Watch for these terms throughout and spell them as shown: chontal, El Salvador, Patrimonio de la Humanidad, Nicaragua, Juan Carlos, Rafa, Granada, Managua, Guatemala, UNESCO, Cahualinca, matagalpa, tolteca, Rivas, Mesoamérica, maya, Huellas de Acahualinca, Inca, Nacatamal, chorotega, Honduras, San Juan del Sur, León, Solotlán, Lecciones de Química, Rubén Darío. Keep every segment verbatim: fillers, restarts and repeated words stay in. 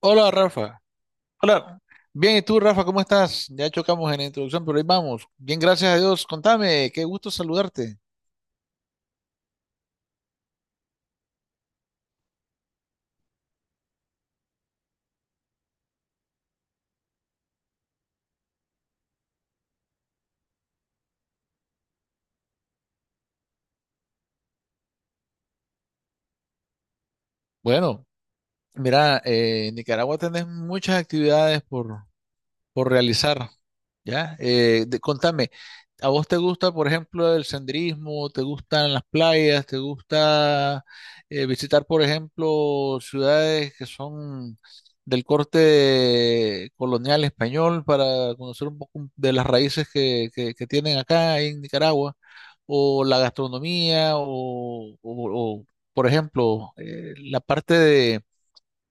Hola Rafa, hola. Bien, ¿y tú Rafa, cómo estás? Ya chocamos en la introducción, pero ahí vamos. Bien, gracias a Dios. Contame, qué gusto saludarte. Bueno, mira, eh, en Nicaragua tenés muchas actividades por, por realizar, ¿ya? Eh, de- contame, ¿a vos te gusta, por ejemplo, el senderismo? ¿Te gustan las playas? ¿Te gusta eh, visitar, por ejemplo, ciudades que son del corte colonial español para conocer un poco de las raíces que, que- que tienen acá en Nicaragua? ¿O la gastronomía? ¿O, o- o, por ejemplo, eh, la parte de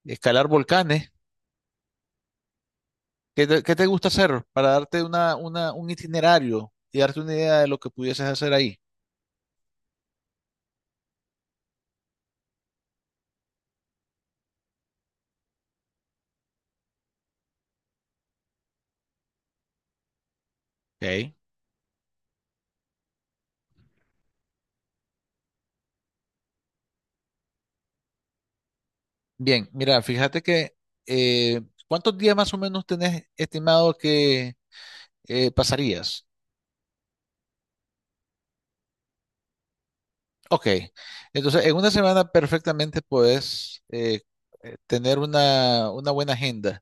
escalar volcanes? ¿Qué te, qué te gusta hacer para darte una, una, un itinerario y darte una idea de lo que pudieses hacer ahí? Ok. Bien, mira, fíjate que eh, ¿cuántos días más o menos tenés estimado que eh, pasarías? Ok, entonces en una semana perfectamente puedes eh, eh, tener una, una buena agenda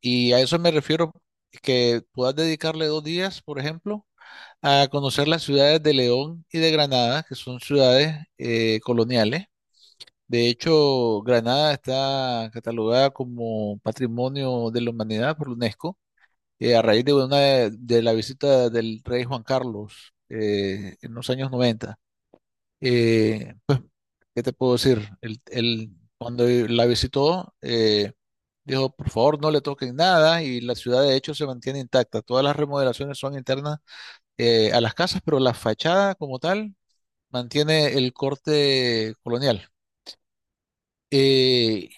y a eso me refiero que puedas dedicarle dos días, por ejemplo, a conocer las ciudades de León y de Granada, que son ciudades eh, coloniales. De hecho, Granada está catalogada como Patrimonio de la Humanidad por la UNESCO, eh, a raíz de una de, la visita del rey Juan Carlos eh, en los años noventa. Eh, ¿Qué te puedo decir? El, el- cuando la visitó, eh, dijo, por favor, no le toquen nada y la ciudad de hecho se mantiene intacta. Todas las remodelaciones son internas eh, a las casas, pero la fachada como tal mantiene el corte colonial. Eh,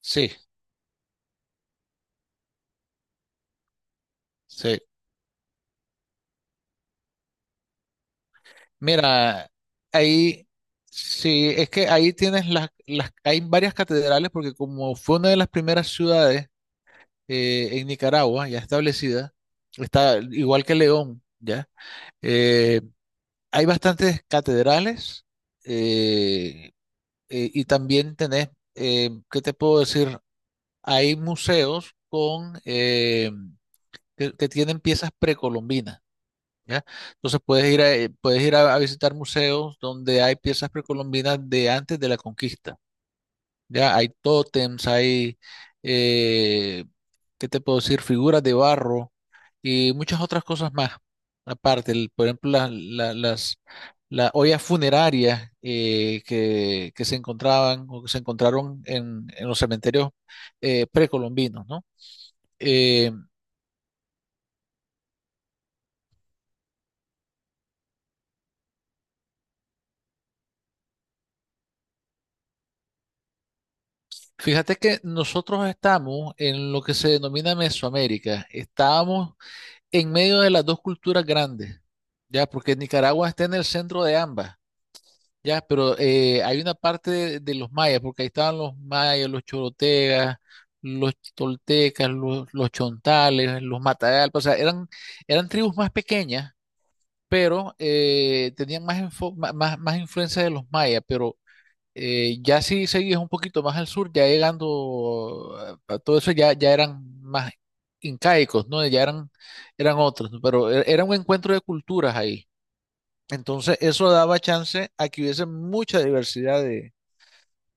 sí. Sí, mira, ahí sí, es que ahí tienes las, las, hay varias catedrales porque como fue una de las primeras ciudades eh, en Nicaragua ya establecida, está igual que León, ¿ya? Eh, Hay bastantes catedrales eh, eh, y también tenés, eh, ¿qué te puedo decir? Hay museos con, eh, que, que tienen piezas precolombinas. ¿Ya? Entonces puedes ir a, eh, puedes ir a, a visitar museos donde hay piezas precolombinas de antes de la conquista, ¿ya? Hay tótems, hay, eh, ¿qué te puedo decir? Figuras de barro y muchas otras cosas más. Aparte, el- por ejemplo, las, la- las, las ollas funerarias eh, que, que se encontraban o que se encontraron en, en los cementerios eh, precolombinos, ¿no? Eh, Fíjate que nosotros estamos en lo que se denomina Mesoamérica. Estábamos en medio de las dos culturas grandes, ya, porque Nicaragua está en el centro de ambas, ya, pero eh, hay una parte de, de los mayas, porque ahí estaban los mayas, los chorotegas, los toltecas, los, los chontales, los matagalpas, o sea, eran, eran tribus más pequeñas, pero eh, tenían más, info- ma- más, más influencia de los mayas, pero eh, ya si seguís un poquito más al sur, ya llegando a a todo eso, ya, ya eran más incaicos, ¿no? Ya eran, eran otros, ¿no? Pero e- era un encuentro de culturas ahí. Entonces, eso daba chance a que hubiese mucha diversidad de,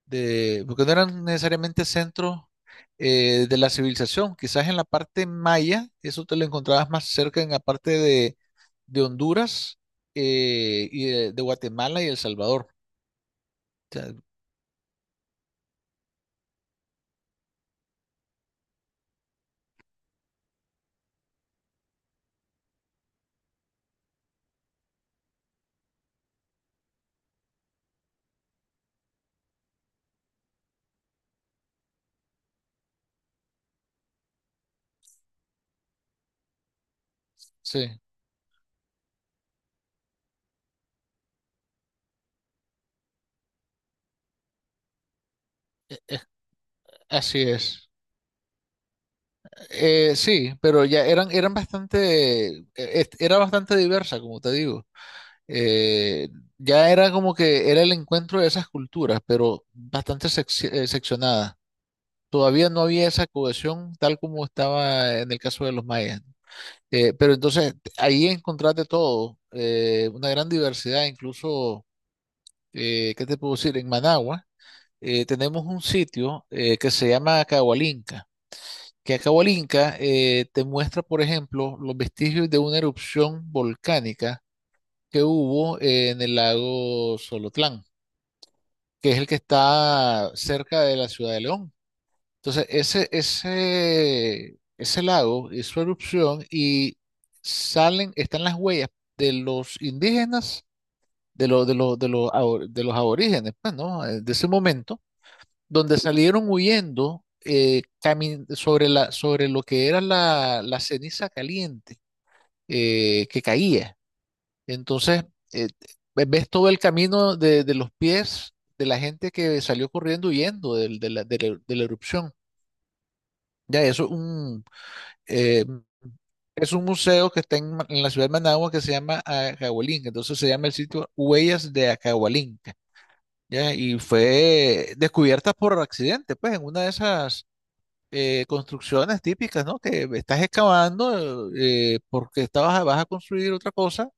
de- porque no eran necesariamente centros eh, de la civilización. Quizás en la parte maya, eso te lo encontrabas más cerca en la parte de, de Honduras eh, y de, de Guatemala y El Salvador. O sea, sí, así es. Eh, sí, pero ya eran, eran bastante, eh, est- era bastante diversa, como te digo. Eh, ya era como que era el encuentro de esas culturas, pero bastante sec- eh, seccionada. Todavía no había esa cohesión tal como estaba en el caso de los mayas. Eh, pero entonces ahí encontraste todo, eh, una gran diversidad, incluso, eh, ¿qué te puedo decir? En Managua eh, tenemos un sitio eh, que se llama Cahualinca que acabó el Inca, eh, te muestra, por ejemplo, los vestigios de una erupción volcánica que hubo eh, en el lago Solotlán, que es el que está cerca de la ciudad de León. Entonces, ese, ese, ese lago hizo erupción y salen, están las huellas de los indígenas, de, los de, los de, los abor- de los aborígenes, pues, ¿no? Eh, De ese momento donde salieron huyendo eh, cami- sobre la, sobre lo que era la, la ceniza caliente eh, que caía. Entonces, eh, ve- ves todo el camino de, de los pies de la gente que salió corriendo huyendo del- de, la, de la- de la erupción. Ya, eso es un, eh, es un museo que está en, Ma- en la ciudad de Managua que se llama Acahualinca. Entonces se llama el sitio Huellas de Acahualinca. Ya, y fue descubierta por accidente, pues en una de esas eh, construcciones típicas, ¿no? Que estás excavando eh, eh, porque estabas, vas a construir otra cosa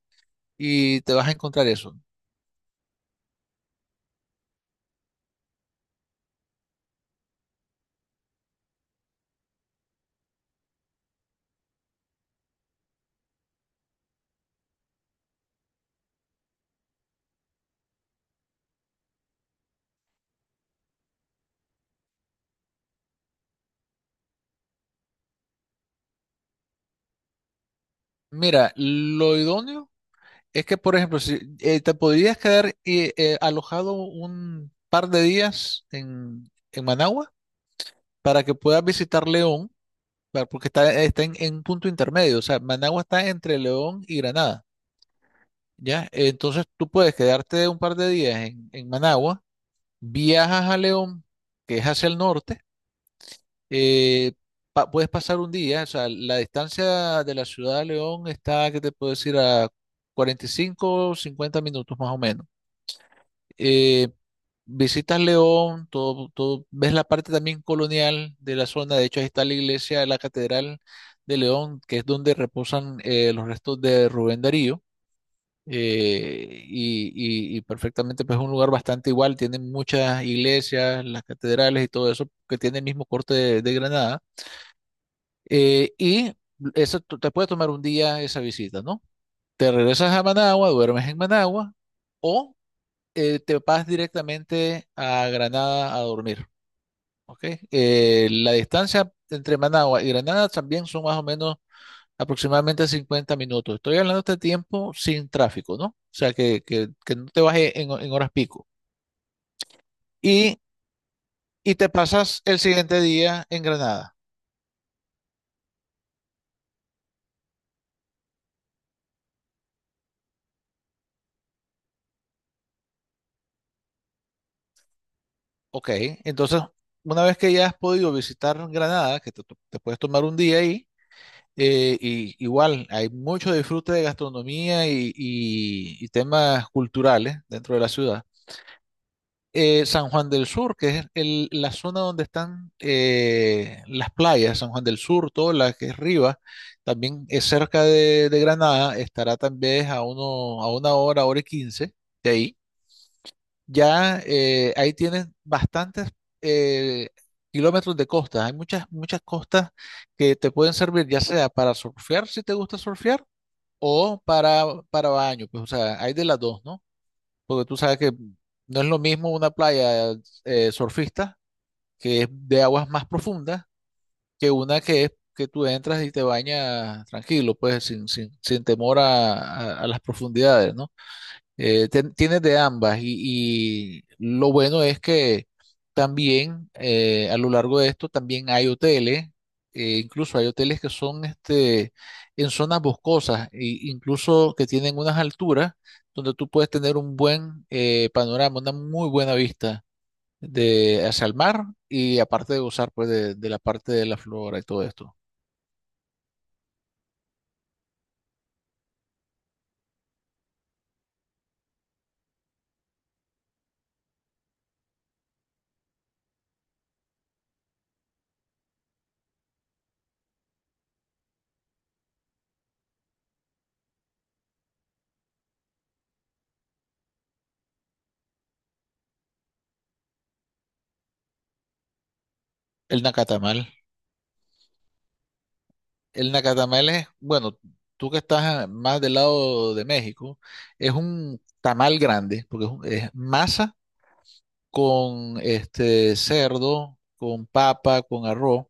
y te vas a encontrar eso. Mira, lo idóneo es que, por ejemplo, si eh, te podrías quedar eh, eh, alojado un par de días en, en Managua para que puedas visitar León, pa- porque está, está en, en punto intermedio, o sea, Managua está entre León y Granada, ¿ya? Entonces tú puedes quedarte un par de días en, en Managua, viajas a León, que es hacia el norte, eh, pa- puedes pasar un día, o sea, la distancia de la ciudad de León está, que te puedo decir, a cuarenta y cinco, cincuenta minutos más o menos. Eh, Visitas León, todo, todo- ves la parte también colonial de la zona, de hecho ahí está la iglesia, de la Catedral de León, que es donde reposan eh, los restos de Rubén Darío. eh, y, y- y perfectamente pues es un lugar bastante igual, tienen muchas iglesias, las catedrales y todo eso que tiene el mismo corte de de Granada. Eh, y eso tú- te puede tomar un día esa visita, ¿no? Te regresas a Managua, duermes en Managua o eh, te vas directamente a Granada a dormir, ¿ok? Eh, la distancia entre Managua y Granada también son más o menos aproximadamente cincuenta minutos. Estoy hablando de este tiempo sin tráfico, ¿no? O sea, que, que- que no te bajes en, en horas pico. Y, y te pasas el siguiente día en Granada. Ok, entonces, una vez que ya has podido visitar Granada, que te, to- te puedes tomar un día ahí, eh, y igual hay mucho disfrute de gastronomía y, y- y temas culturales dentro de la ciudad. Eh, San Juan del Sur, que es el- la zona donde están eh, las playas, San Juan del Sur, toda la que es Rivas, también es cerca de, de Granada, estará también a, uno, a una hora, hora y quince de ahí. Ya eh, ahí tienes bastantes eh, kilómetros de costa. Hay muchas, muchas costas que te pueden servir, ya sea para surfear, si te gusta surfear, o para, para baño. Pues, o sea, hay de las dos, ¿no? Porque tú sabes que no es lo mismo una playa eh, surfista, que es de aguas más profundas, que una que es que tú entras y te bañas tranquilo, pues sin, sin, sin temor a, a a las profundidades, ¿no? Eh, ten- tienes de ambas y, y lo bueno es que también eh, a lo largo de esto también hay hoteles, eh, incluso hay hoteles que son este, en zonas boscosas, e incluso que tienen unas alturas donde tú puedes tener un buen eh, panorama, una muy buena vista de, hacia el mar y aparte de gozar pues, de, de la parte de la flora y todo esto. El Nacatamal. El nacatamal es, bueno, tú que estás más del lado de México, es un tamal grande, porque es, un- es masa con este cerdo, con papa, con arroz,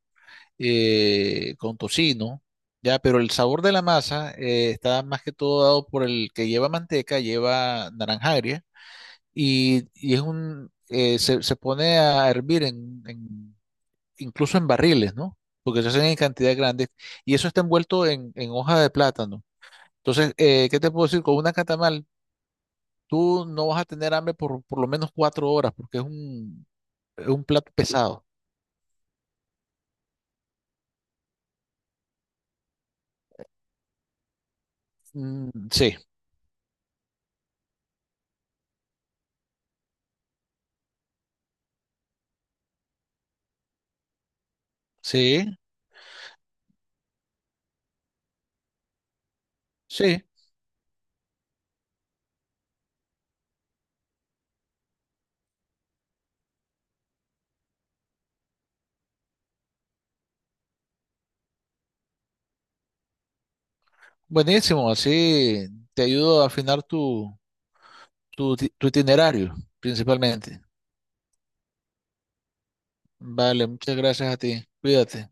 eh, con tocino, ya, pero el sabor de la masa eh, está más que todo dado por el que lleva manteca, lleva naranja agria, y, y es un, eh, se, se pone a hervir en incluso en barriles, ¿no? Porque se hacen en cantidades grandes y eso está envuelto en, en hoja de plátano. Entonces, eh, ¿qué te puedo decir? Con una catamal, tú no vas a tener hambre por por lo menos cuatro horas porque es un, es un plato pesado. Mm, sí, sí, sí. Buenísimo, así te ayudo a afinar tu, tu, ti- tu itinerario, principalmente. Vale, muchas gracias a ti. Cuídate.